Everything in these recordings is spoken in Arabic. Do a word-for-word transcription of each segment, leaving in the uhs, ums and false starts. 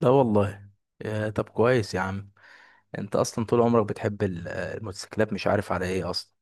لا والله. يا طب كويس يا عم. انت اصلا طول عمرك بتحب ال- آه، الموتوسيكلات، مش عارف على ايه اصلا.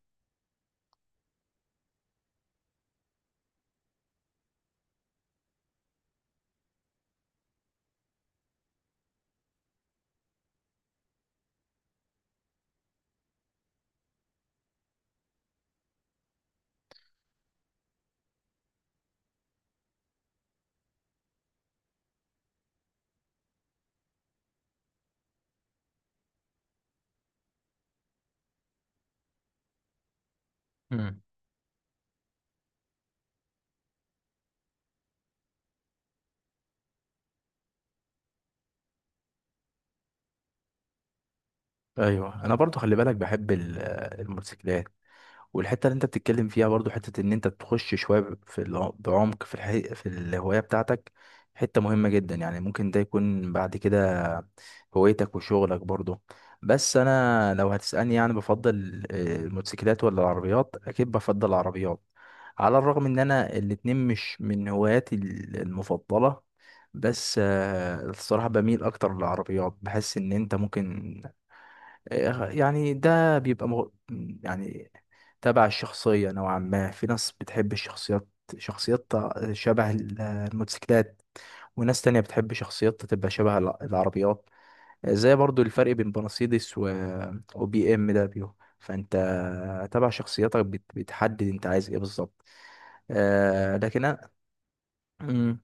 مم. ايوه، انا برضو خلي بالك بحب ال- آه، الموتوسيكلات، والحته اللي انت بتتكلم فيها برضو حته ان انت تخش شويه في الع- بعمق في الحقيقة في الهوايه بتاعتك. حته مهمه جدا. يعني ممكن ده يكون بعد كده هوايتك وشغلك برضو. بس انا لو هتسالني، يعني بفضل آه، الموتوسيكلات ولا العربيات؟ اكيد بفضل العربيات، على الرغم ان انا الاتنين مش من هواياتي ال- المفضله. بس آه، الصراحة بميل أكتر للعربيات. بحس إن أنت ممكن آه، يعني ده بيبقى مغ... يعني تبع الشخصية نوعا ما. في ناس بتحب الشخصيات، شخصيات شبه ال- الموتوسيكلات، وناس تانية بتحب شخصيات تبقى شبه الع- العربيات. زي برضو الفرق بين مرسيدس و... وبي ام دبليو. فانت تبع شخصيتك بت... بتحدد انت عايز ايه بالظبط. آه لكن انا. مم.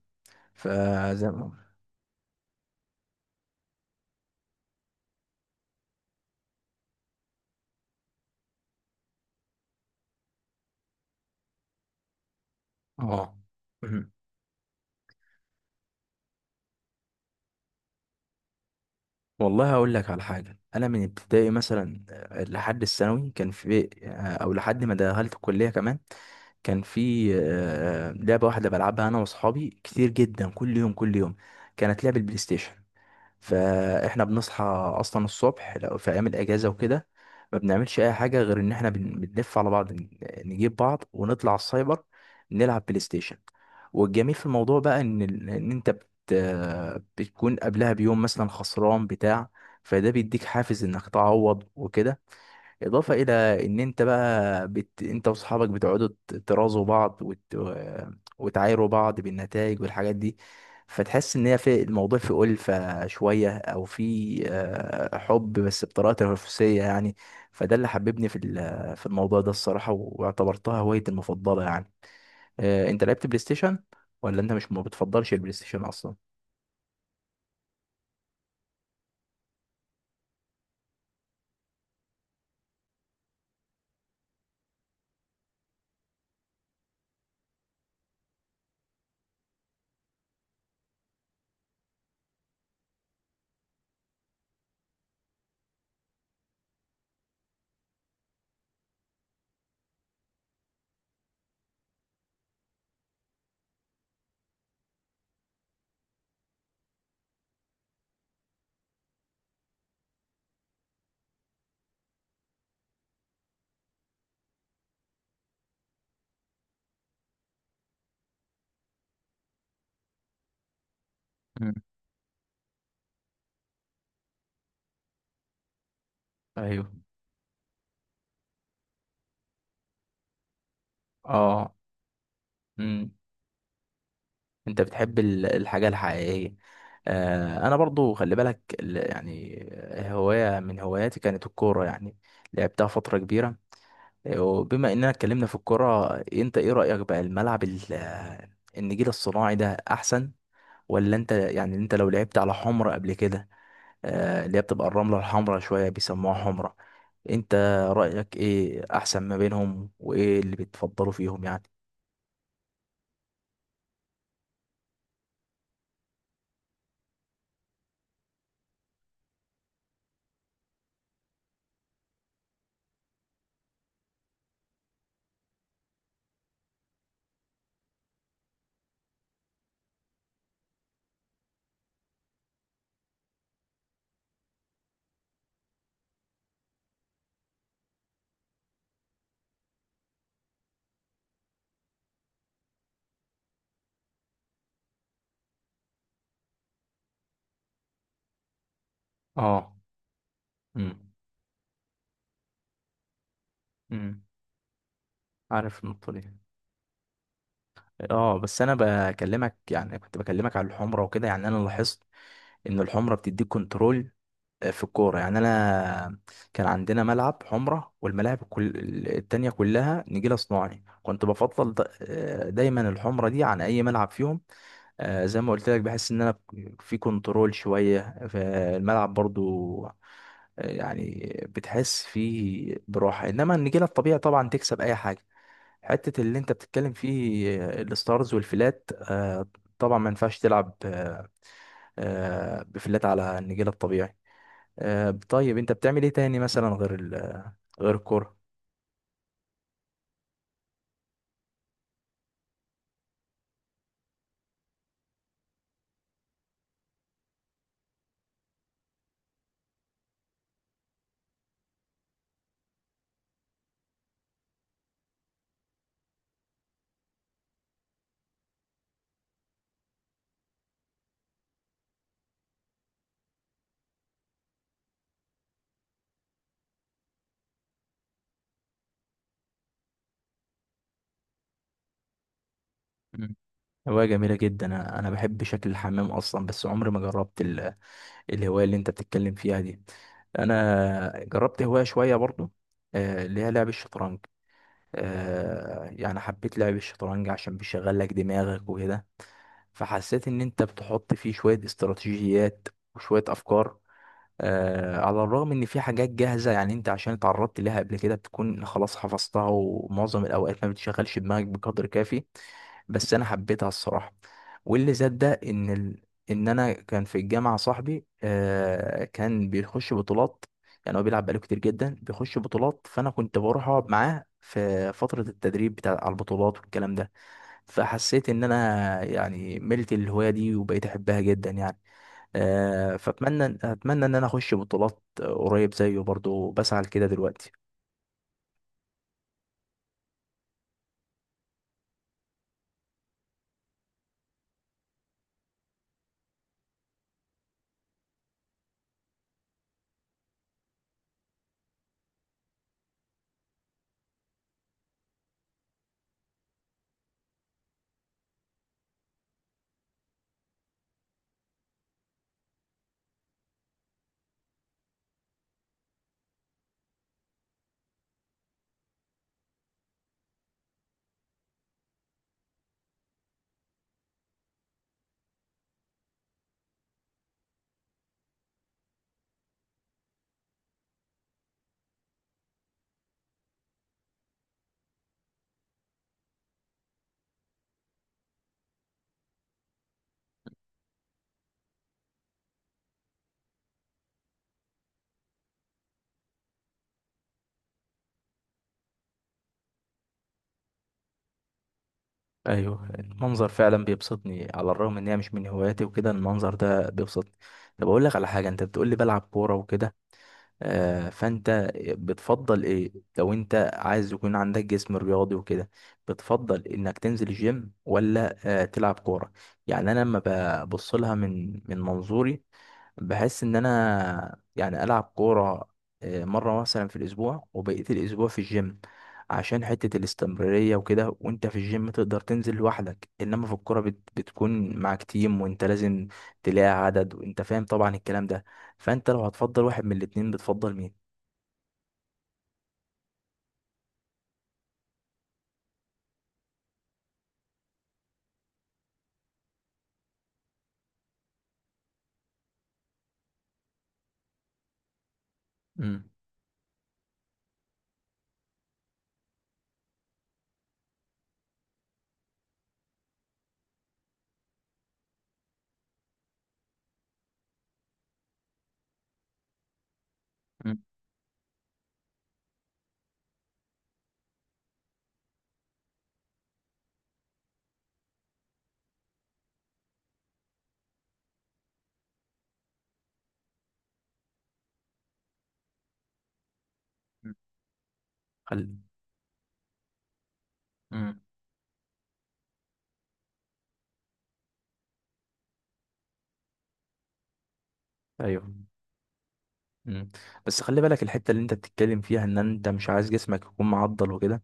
فزي ما. اه. مم. والله هقول لك على حاجة. أنا من ابتدائي مثلا آه، لحد الثانوي كان في آه، أو لحد ما دخلت الكلية كمان كان في آه، لعبة واحدة بلعبها أنا وأصحابي كتير جدا، كل يوم كل يوم. كانت لعبة البلاي ستيشن. فاحنا بنصحى اصلا الصبح لو في ايام الاجازه وكده ما بنعملش اي حاجه غير ان احنا بن- بنلف على بعض، ن- نجيب بعض ونطلع السايبر نلعب بلاي ستيشن. والجميل في الموضوع بقى ان ال- ان انت بت بتكون قبلها بيوم مثلا خسران بتاع، فده بيديك حافز انك تعوض وكده. اضافه الى ان انت بقى بت... انت واصحابك بتقعدوا ت- ترازوا بعض وت... وتعايروا بعض بالنتائج والحاجات دي. فتحس ان هي في الموضوع في ألفة شويه، او في آه، حب بس بطريقه تنافسيه يعني. فده اللي حببني في ال- في الموضوع ده الصراحه، واعتبرتها هوايتي المفضله يعني. آه، انت لعبت بلاي ستيشن ولا انت مش ما بتفضلش البلاي ستيشن اصلا؟ مم. ايوه. اه. مم. انت بتحب ال- الحاجة الحقيقية. آه، انا برضو خلي بالك، ال- يعني هواية من هواياتي كانت الكورة يعني، لعبتها فترة كبيرة. وبما اننا اتكلمنا في الكورة، انت ايه رأيك بقى؟ الملعب ال- آه، النجيل الصناعي ده احسن، ولا انت يعني انت لو لعبت على حمرة قبل كده، آه، اللي هي بتبقى الرملة الحمرا شوية بيسموها حمرة، انت رأيك ايه احسن ما بينهم وايه اللي بتفضلوا فيهم يعني؟ اه. امم امم عارف النقطة دي. اه، بس انا بكلمك، يعني كنت بكلمك على الحمره وكده. يعني انا لاحظت ان الحمره بتديك كنترول في الكوره. يعني انا كان عندنا ملعب حمره، والملاعب كل التانية كلها نجيله صناعي. كنت بفضل د- آه، دايما الحمره دي عن اي ملعب فيهم. آه، زي ما قلت لك، بحس ان انا في كنترول شويه فالملعب برضو. آه، يعني بتحس فيه براحه، انما النجيله الطبيعي طبعا تكسب اي حاجه. حتة اللي انت بتتكلم فيه آه، الستارز والفلات. آه، طبعا ما ينفعش تلعب آه، آه، بفلات على النجيل الطبيعي. آه، طيب انت بتعمل ايه تاني مثلا غير ال- آه، غير الكرة؟ مم. هواية جميلة جدا. انا أنا بحب شكل الحمام اصلا، بس عمري ما جربت ال- الهواية اللي انت بتتكلم فيها دي. انا جربت هواية شوية برضو آه، اللي هي لعب الشطرنج. آه، يعني حبيت لعب الشطرنج عشان بيشغل لك دماغك وكده. فحسيت ان انت بتحط فيه شوية استراتيجيات وشوية افكار. آه، على الرغم ان في حاجات جاهزه، يعني انت عشان اتعرضت ليها قبل كده بتكون خلاص حفظتها، ومعظم الاوقات ما بتشغلش دماغك بقدر كافي. بس انا حبيتها الصراحه. واللي زاد ده ان ال... ان انا كان في الجامعه صاحبي آه، كان بيخش بطولات. يعني هو بيلعب بقاله كتير جدا، بيخش بطولات. فانا كنت بروح اقعد معاه في فتره التدريب بتاع على البطولات والكلام ده. فحسيت ان انا يعني ملت الهوايه دي وبقيت احبها جدا يعني. آه، فاتمنى اتمنى ان انا اخش بطولات قريب زيه برضو، بسعى لكده دلوقتي. ايوه، المنظر فعلا بيبسطني. على الرغم ان هي مش من هواياتي وكده، المنظر ده بيبسطني. طب اقول لك على حاجه، انت بتقول لي بلعب كوره وكده، آه، فانت بتفضل ايه؟ لو انت عايز يكون عندك جسم رياضي وكده، بتفضل انك تنزل الجيم ولا آه، تلعب كوره؟ يعني انا لما ببص لها من من منظوري، بحس ان انا يعني العب كوره آه، مره مثلا في الاسبوع، وبقيت الاسبوع في الجيم عشان حته الاستمراريه وكده. وانت في الجيم تقدر تنزل لوحدك، انما في الكوره بت بتكون معاك تيم، وانت لازم تلاقي عدد، وانت فاهم طبعا الكلام ده. فانت لو هتفضل واحد من الاتنين بتفضل مين؟ مم. مم. مم. خل... مم. ايوه. مم. بس خلي بالك، الحتة اللي انت بتتكلم فيها ان انت مش عايز جسمك يكون معضل وكده،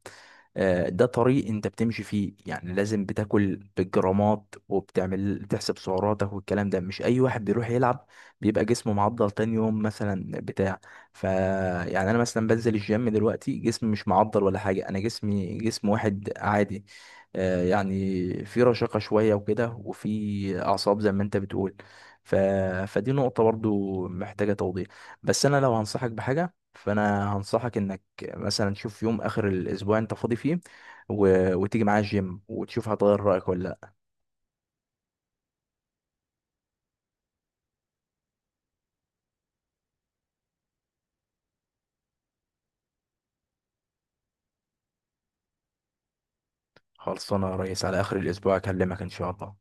آه، ده طريق انت بتمشي فيه. يعني لازم بتاكل بالجرامات وبتعمل بتحسب سعراتك، والكلام ده مش اي واحد بيروح يلعب بيبقى جسمه معضل تاني يوم مثلا بتاع. ف يعني انا مثلا بنزل الجيم دلوقتي، جسمي مش معضل ولا حاجة. انا جسمي جسم واحد عادي، آه، يعني في رشاقة شوية وكده، وفي اعصاب زي ما انت بتقول. ف... فدي نقطة برضو محتاجة توضيح. بس انا لو هنصحك بحاجه، فانا هنصحك انك مثلا تشوف يوم اخر الاسبوع انت فاضي فيه و... وتيجي معايا الجيم، وتشوف هتغير رايك ولا لا. خلصانه يا ريس، على اخر الاسبوع اكلمك ان شاء الله.